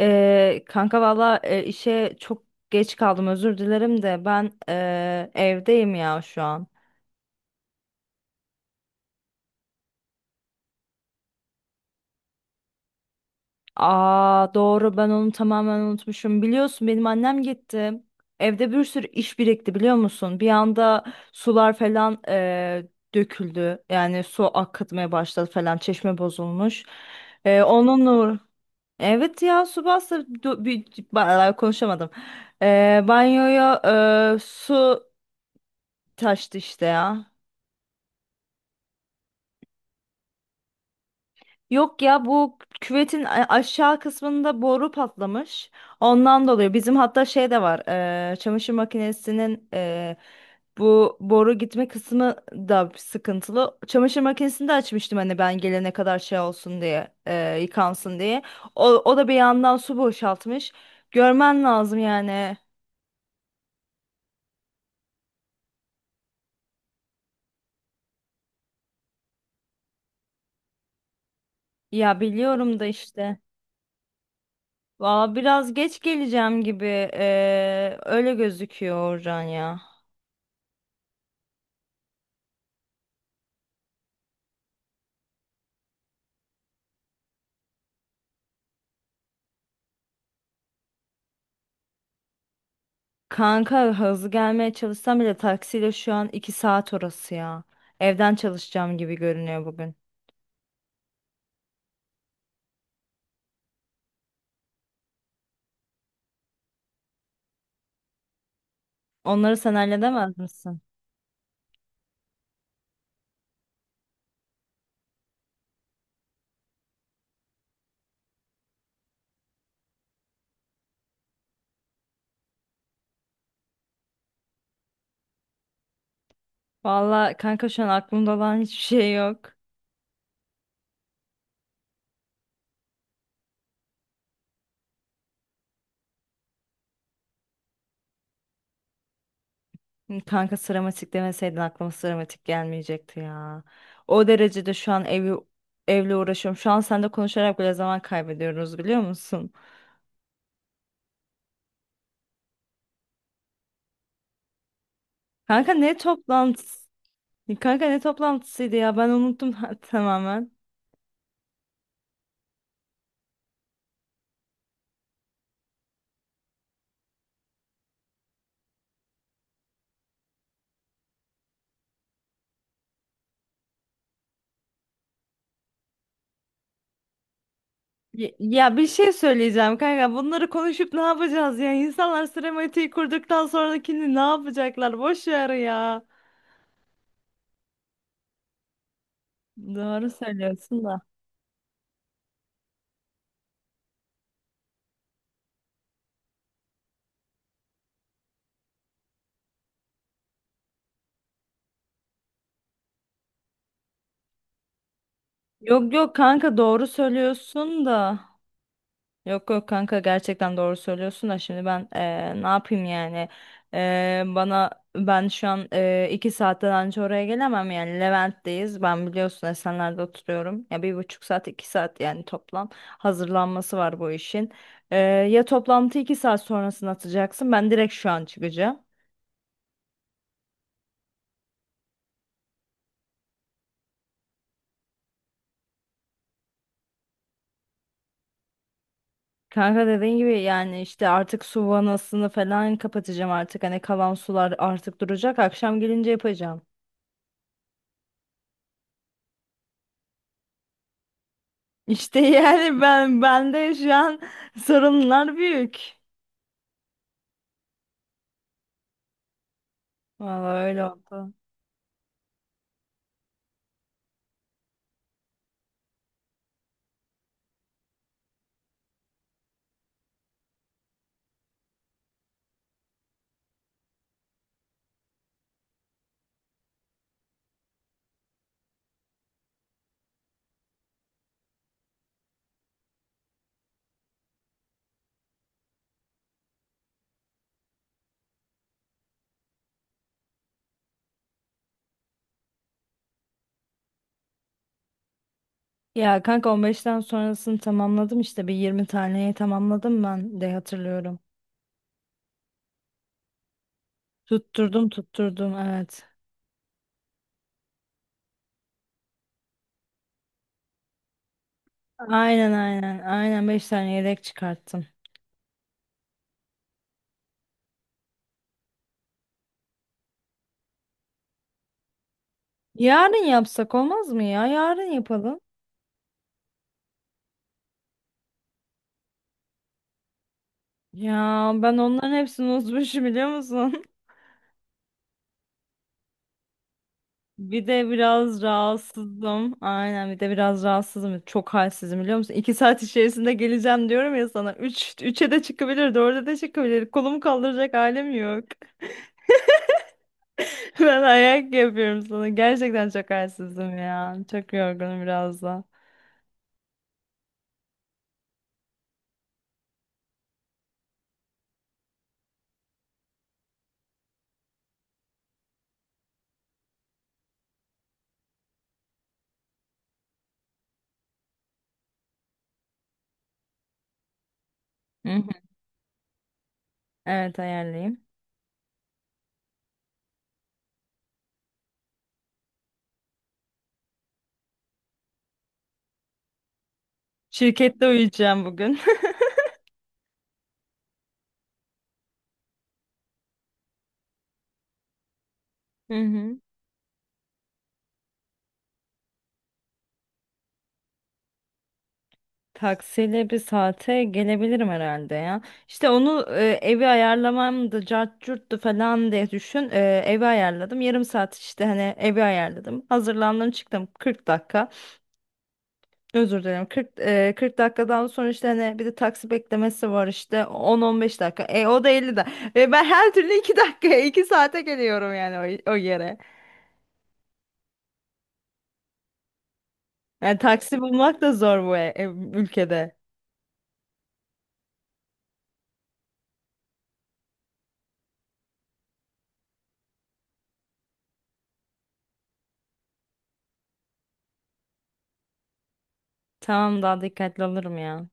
Kanka valla işe çok geç kaldım, özür dilerim de ben evdeyim ya şu an. Aa doğru, ben onu tamamen unutmuşum. Biliyorsun benim annem gitti. Evde bir sürü iş birikti, biliyor musun? Bir anda sular falan döküldü. Yani su akıtmaya başladı falan, çeşme bozulmuş. E, onunla Evet ya, su bastı, konuşamadım. Banyoya su taştı işte ya. Yok ya, bu küvetin aşağı kısmında boru patlamış. Ondan dolayı bizim hatta şey de var. Çamaşır makinesinin, bu boru gitme kısmı da sıkıntılı. Çamaşır makinesini de açmıştım hani, ben gelene kadar şey olsun diye, yıkansın diye. O da bir yandan su boşaltmış. Görmen lazım yani. Ya biliyorum da işte. Valla biraz geç geleceğim gibi. Öyle gözüküyor, Orhan ya. Kanka, hızlı gelmeye çalışsam bile taksiyle şu an 2 saat orası ya. Evden çalışacağım gibi görünüyor bugün. Onları sen halledemez misin? Valla kanka, şu an aklımda olan hiçbir şey yok. Kanka, sıramatik demeseydin aklıma sıramatik gelmeyecekti ya. O derecede şu an evle uğraşıyorum. Şu an seninle konuşarak bile zaman kaybediyoruz, biliyor musun? Kanka, ne toplantısı? Kanka ne toplantısıydı ya, ben unuttum tamamen. Ya ya, bir şey söyleyeceğim kanka. Bunları konuşup ne yapacağız ya? İnsanlar sinematiği kurduktan sonrakini ne yapacaklar? Boş ver ya. Doğru söylüyorsun da. Yok yok kanka, doğru söylüyorsun da. Yok yok kanka, gerçekten doğru söylüyorsun da, şimdi ben ne yapayım yani. Bana Ben şu an iki saatten önce oraya gelemem yani. Levent'teyiz, ben biliyorsun Esenler'de oturuyorum ya, bir buçuk saat iki saat yani toplam hazırlanması var bu işin. Eee, Ya toplantı iki saat sonrasını atacaksın, ben direkt şu an çıkacağım. Kanka dediğin gibi yani işte, artık su vanasını falan kapatacağım, artık hani kalan sular artık duracak, akşam gelince yapacağım. İşte yani ben, bende şu an sorunlar büyük. Vallahi öyle oldu. Ya kanka, 15'ten sonrasını tamamladım işte, bir 20 taneyi tamamladım ben de hatırlıyorum. Tutturdum tutturdum, evet. Aynen aynen aynen, 5 tane yedek çıkarttım. Yarın yapsak olmaz mı ya? Yarın yapalım. Ya ben onların hepsini unutmuşum, biliyor musun? Bir de biraz rahatsızım. Aynen, bir de biraz rahatsızım. Çok halsizim, biliyor musun? İki saat içerisinde geleceğim diyorum ya sana. Üç, üçe de çıkabilir, dörde de çıkabilir. Kolumu kaldıracak halim yok. Ben ayak yapıyorum sana. Gerçekten çok halsizim ya. Çok yorgunum biraz da. Hı hı. Evet, ayarlayayım. Şirkette uyuyacağım bugün. Hı hı. Taksiyle bir saate gelebilirim herhalde ya. İşte onu evi ayarlamam da cart curttu falan diye düşün. E, evi ayarladım. Yarım saat işte hani, evi ayarladım. Hazırlandım, çıktım, 40 dakika. Özür dilerim, 40, 40 dakikadan sonra işte hani bir de taksi beklemesi var, işte 10-15 dakika. E, o da 50 dakika. E, ben her türlü 2 dakikaya 2 saate geliyorum yani o yere. Yani taksi bulmak da zor bu ülkede. Tamam, daha dikkatli olurum ya.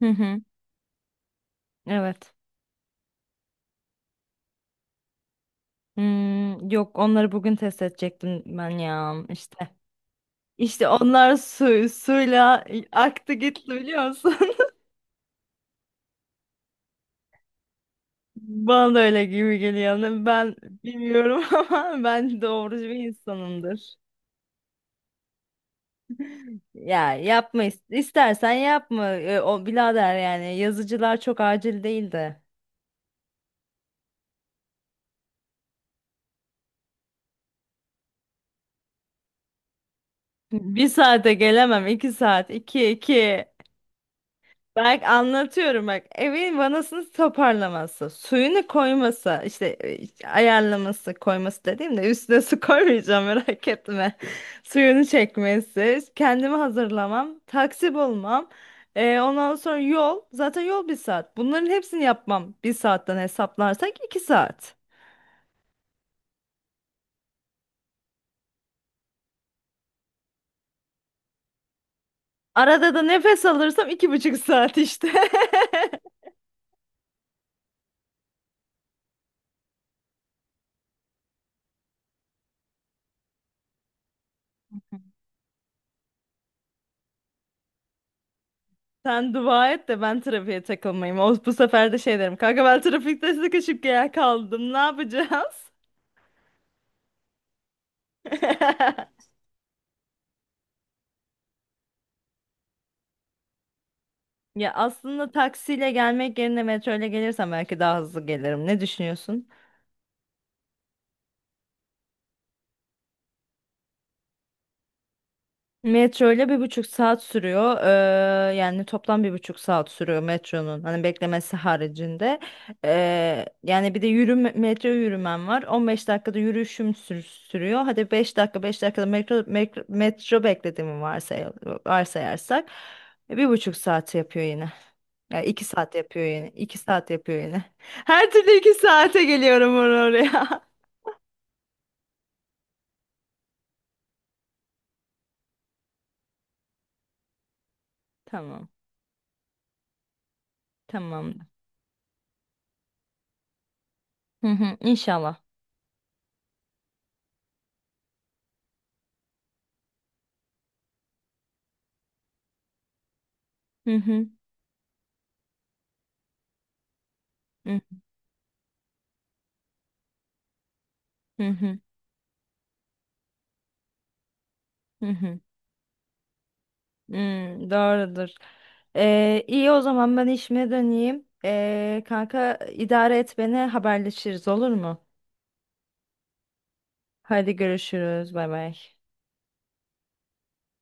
Hı hı. Evet. Hmm, yok, onları bugün test edecektim ben ya işte. İşte onlar suyla aktı gitti, biliyor musun? Bana da öyle gibi geliyor. Ben bilmiyorum ama ben doğrucu bir insanımdır. Ya yapma, istersen yapma. O birader yani, yazıcılar çok acil değil de. Bir saate gelemem. İki saat. İki iki. Bak anlatıyorum bak. Evin vanasını toparlaması, suyunu koyması, işte ayarlaması, koyması dediğimde üstüne su koymayacağım, merak etme. Suyunu çekmesi, kendimi hazırlamam, taksi bulmam, ondan sonra yol, zaten yol bir saat. Bunların hepsini yapmam bir saatten, hesaplarsak iki saat. Arada da nefes alırsam iki buçuk saat işte. Sen dua et de ben trafiğe takılmayayım. O, bu sefer de şey derim: kanka ben trafikte sıkışıp kaldım, ne yapacağız? Ya aslında taksiyle gelmek yerine metro ile gelirsem belki daha hızlı gelirim. Ne düşünüyorsun? Metro ile bir buçuk saat sürüyor. Yani toplam bir buçuk saat sürüyor metronun. Hani beklemesi haricinde. Yani bir de yürüme, metro yürümem var. On beş dakikada sürüyor. Hadi 5 dakika, 5 dakikada metro, metro, metro beklediğimi varsayarsak, bir buçuk saat yapıyor yine. Yani iki saat yapıyor yine. İki saat yapıyor yine. Her türlü iki saate geliyorum oraya. Tamam. Tamam. Hı hı, İnşallah. Hı hı. Hı hı. Hı hı. Hmm, doğrudur. İyi o zaman, ben işime döneyim. Kanka idare et beni, haberleşiriz olur mu? Hadi görüşürüz. Bay bay.